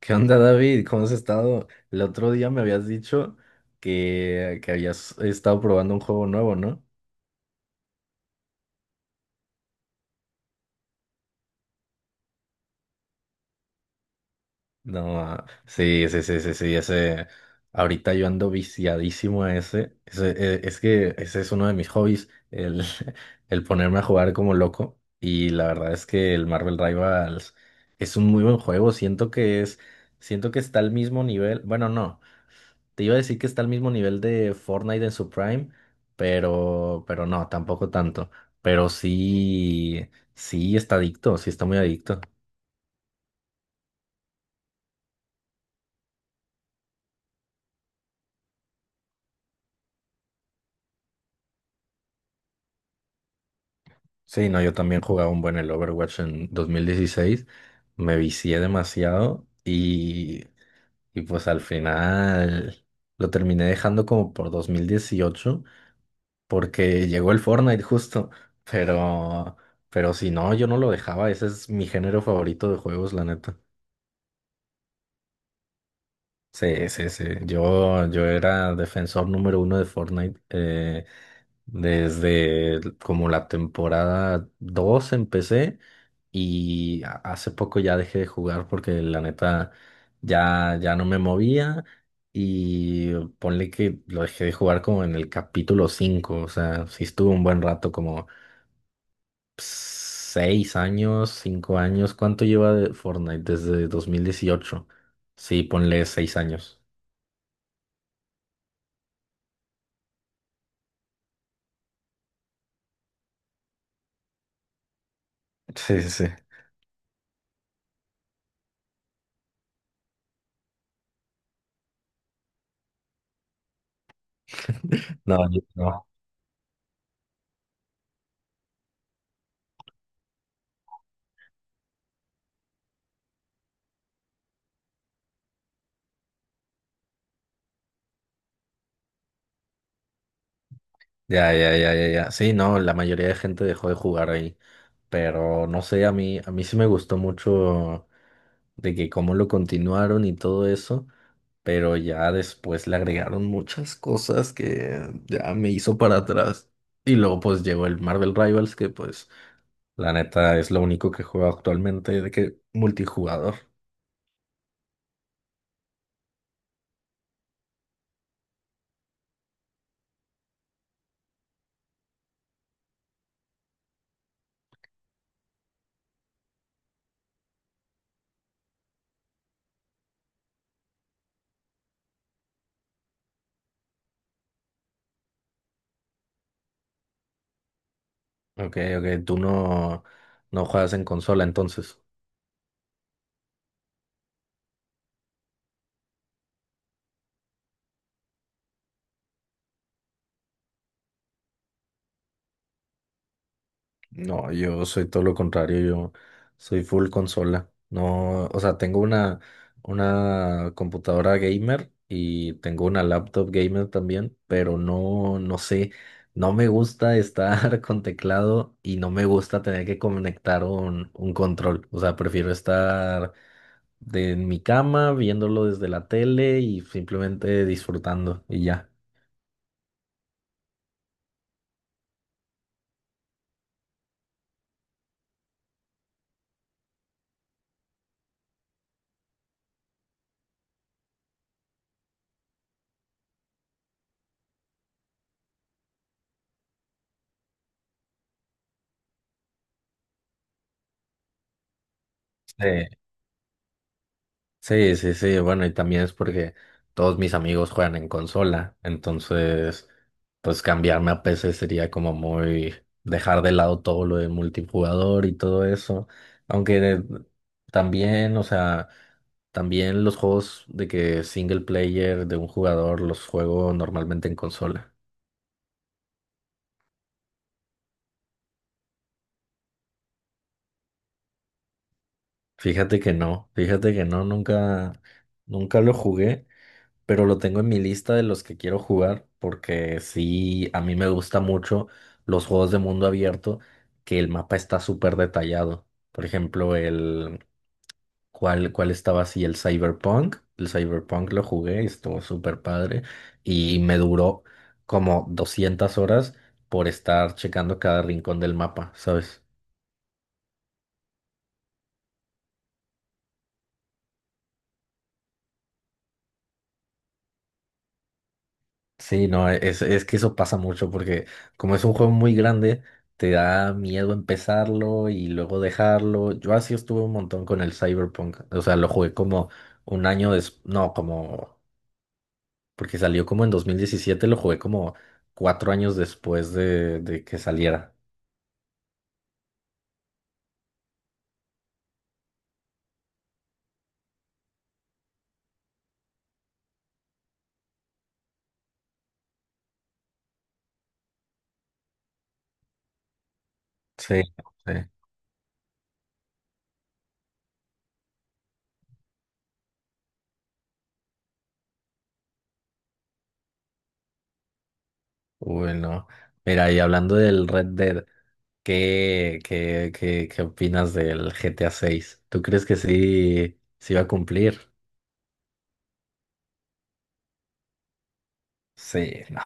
¿Qué onda, David? ¿Cómo has estado? El otro día me habías dicho que habías estado probando un juego nuevo, ¿no? No, ah, sí, sí, sí, sí, sí, ese. Ahorita yo ando viciadísimo a ese. Ese, es que ese es uno de mis hobbies, el, el ponerme a jugar como loco. Y la verdad es que el Marvel Rivals es un muy buen juego. Siento que es, siento que está al mismo nivel. Bueno, no. Te iba a decir que está al mismo nivel de Fortnite en su prime, pero no, tampoco tanto. Pero sí, sí está adicto, sí está muy adicto. Sí, no, yo también jugaba un buen el Overwatch en 2016, me vicié demasiado y pues al final lo terminé dejando como por 2018 porque llegó el Fortnite justo, pero, pero si no, yo no lo dejaba, ese es mi género favorito de juegos, la neta. Sí, sí, sí. Yo era defensor número uno de Fortnite. Como la temporada 2 empecé y hace poco ya dejé de jugar porque la neta ya no me movía y ponle que lo dejé de jugar como en el capítulo 5, o sea, sí estuvo un buen rato, como 6 años, 5 años. ¿Cuánto lleva de Fortnite desde 2018? Sí, ponle 6 años. Sí, sí. Sí. No, no. Ya, ya, ya, ya, ya. Sí, no, la mayoría de gente dejó de jugar ahí. Pero no sé, a mí sí me gustó mucho de que cómo lo continuaron y todo eso. Pero ya después le agregaron muchas cosas que ya me hizo para atrás. Y luego pues llegó el Marvel Rivals, que pues la neta es lo único que juego actualmente de que multijugador. Ok, ok, tú no, no juegas en consola entonces. No, yo soy todo lo contrario, yo soy full consola. No, o sea, tengo una computadora gamer y tengo una laptop gamer también, pero no, no sé, no me gusta estar con teclado y no me gusta tener que conectar un control. O sea, prefiero estar en mi cama viéndolo desde la tele y simplemente disfrutando y ya. Sí. Sí, sí, sí, bueno, y también es porque todos mis amigos juegan en consola, entonces, pues cambiarme a PC sería como muy dejar de lado todo lo de multijugador y todo eso, aunque también, o sea, también los juegos de que single player de un jugador los juego normalmente en consola. Fíjate que no, nunca, nunca lo jugué. Pero lo tengo en mi lista de los que quiero jugar porque sí, a mí me gusta mucho los juegos de mundo abierto que el mapa está súper detallado. Por ejemplo, el cuál estaba así el Cyberpunk lo jugué y estuvo súper padre y me duró como 200 horas por estar checando cada rincón del mapa, ¿sabes? Sí, no, es que eso pasa mucho porque como es un juego muy grande, te da miedo empezarlo y luego dejarlo. Yo así estuve un montón con el Cyberpunk. O sea, lo jugué como un año después, no, como, porque salió como en 2017 lo jugué como cuatro años después de que saliera. Sí, sí. Bueno, mira, y hablando del Red Dead, qué opinas del GTA 6? ¿Tú crees que sí va a cumplir? Sí, no.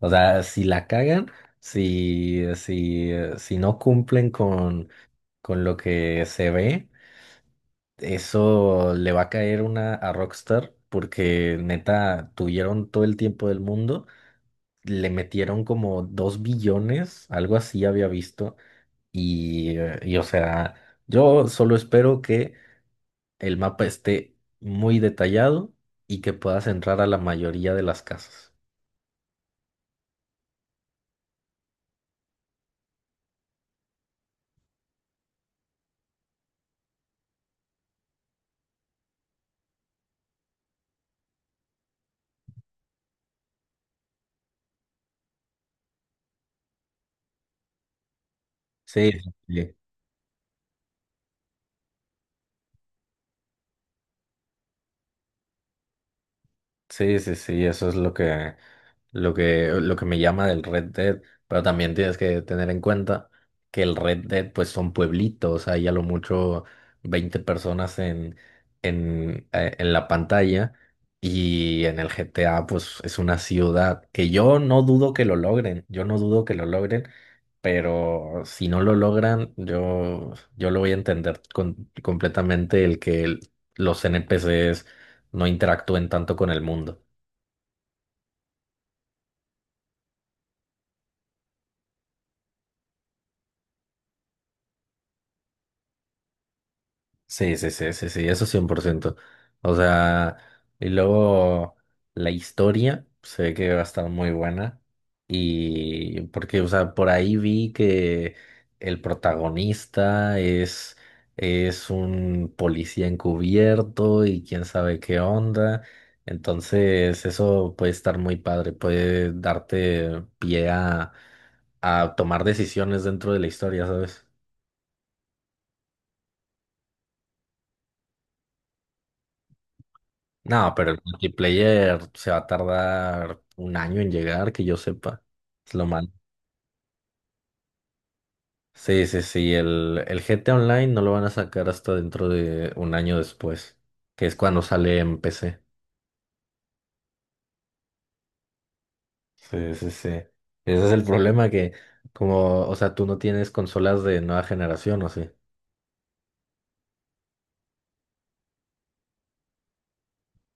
O sea, si la cagan, si no cumplen con lo que se ve, eso le va a caer una a Rockstar porque neta tuvieron todo el tiempo del mundo, le metieron como dos billones, algo así había visto, y o sea, yo solo espero que el mapa esté muy detallado y que puedas entrar a la mayoría de las casas. Sí, sí, sí. Sí, sí, sí, eso es lo que, lo que me llama del Red Dead, pero también tienes que tener en cuenta que el Red Dead pues son pueblitos, hay a lo mucho 20 personas en la pantalla y en el GTA pues es una ciudad que yo no dudo que lo logren, yo no dudo que lo logren, pero si no lo logran yo, yo lo voy a entender completamente el que los NPCs no interactúen tanto con el mundo. Sí, sí, sí, sí, sí, eso 100%. O sea, y luego la historia se ve que va a estar muy buena. Y porque, o sea, por ahí vi que el protagonista es un policía encubierto y quién sabe qué onda. Entonces, eso puede estar muy padre, puede darte pie a tomar decisiones dentro de la historia, ¿sabes? No, pero el multiplayer se va a tardar un año en llegar, que yo sepa. Es lo malo. Sí, sí, sí. El GTA Online no lo van a sacar hasta dentro de un año después, que es cuando sale en PC. Sí, sí, sí. Ese es el problema que, como, o sea, tú no tienes consolas de nueva generación, ¿o sí?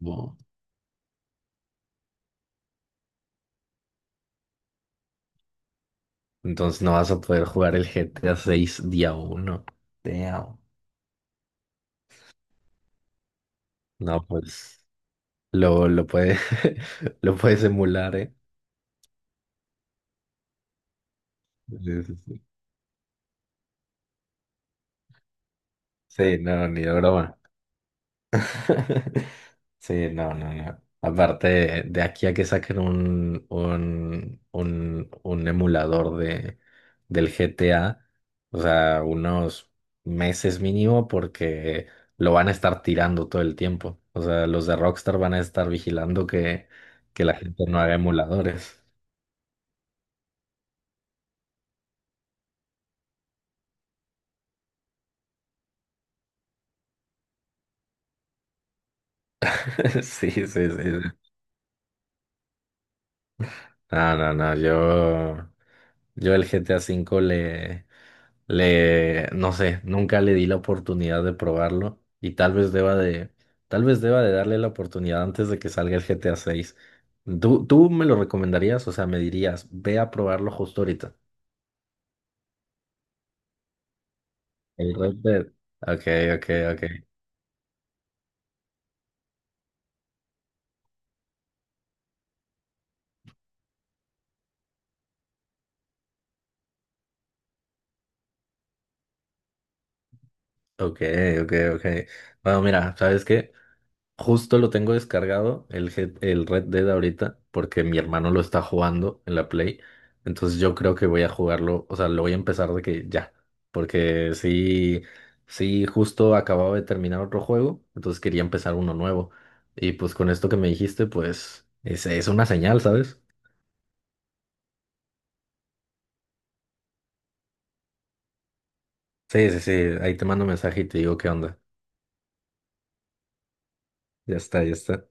No. Entonces no vas a poder jugar el G T a 6 día uno. Damn. No, pues lo, lo puede, lo puedes emular, ¿eh? Sí, sí, sí. Sí, no, ni de broma. Sí, no, no, no. Aparte, de aquí a que saquen un emulador del GTA, o sea, unos meses mínimo, porque lo van a estar tirando todo el tiempo. O sea, los de Rockstar van a estar vigilando que la gente no haga emuladores. Sí, sí, sí, sí. No, no, no, yo el GTA cinco no sé, nunca le di la oportunidad de probarlo y tal vez deba de, tal vez deba de darle la oportunidad antes de que salga el GTA 6. Tú me lo recomendarías? O sea, me dirías, ve a probarlo justo ahorita. El Red Dead. Ok, ok, ok. Ok, ok, ok. Bueno, mira, ¿sabes qué? Justo lo tengo descargado, el Red Dead ahorita, porque mi hermano lo está jugando en la Play. Entonces yo creo que voy a jugarlo, o sea, lo voy a empezar de que ya. Porque sí, sí, justo acababa de terminar otro juego, entonces quería empezar uno nuevo. Y pues con esto que me dijiste, pues es una señal, ¿sabes? Sí, sí, sí, ahí te mando mensaje y te digo qué onda. Ya está, ya está.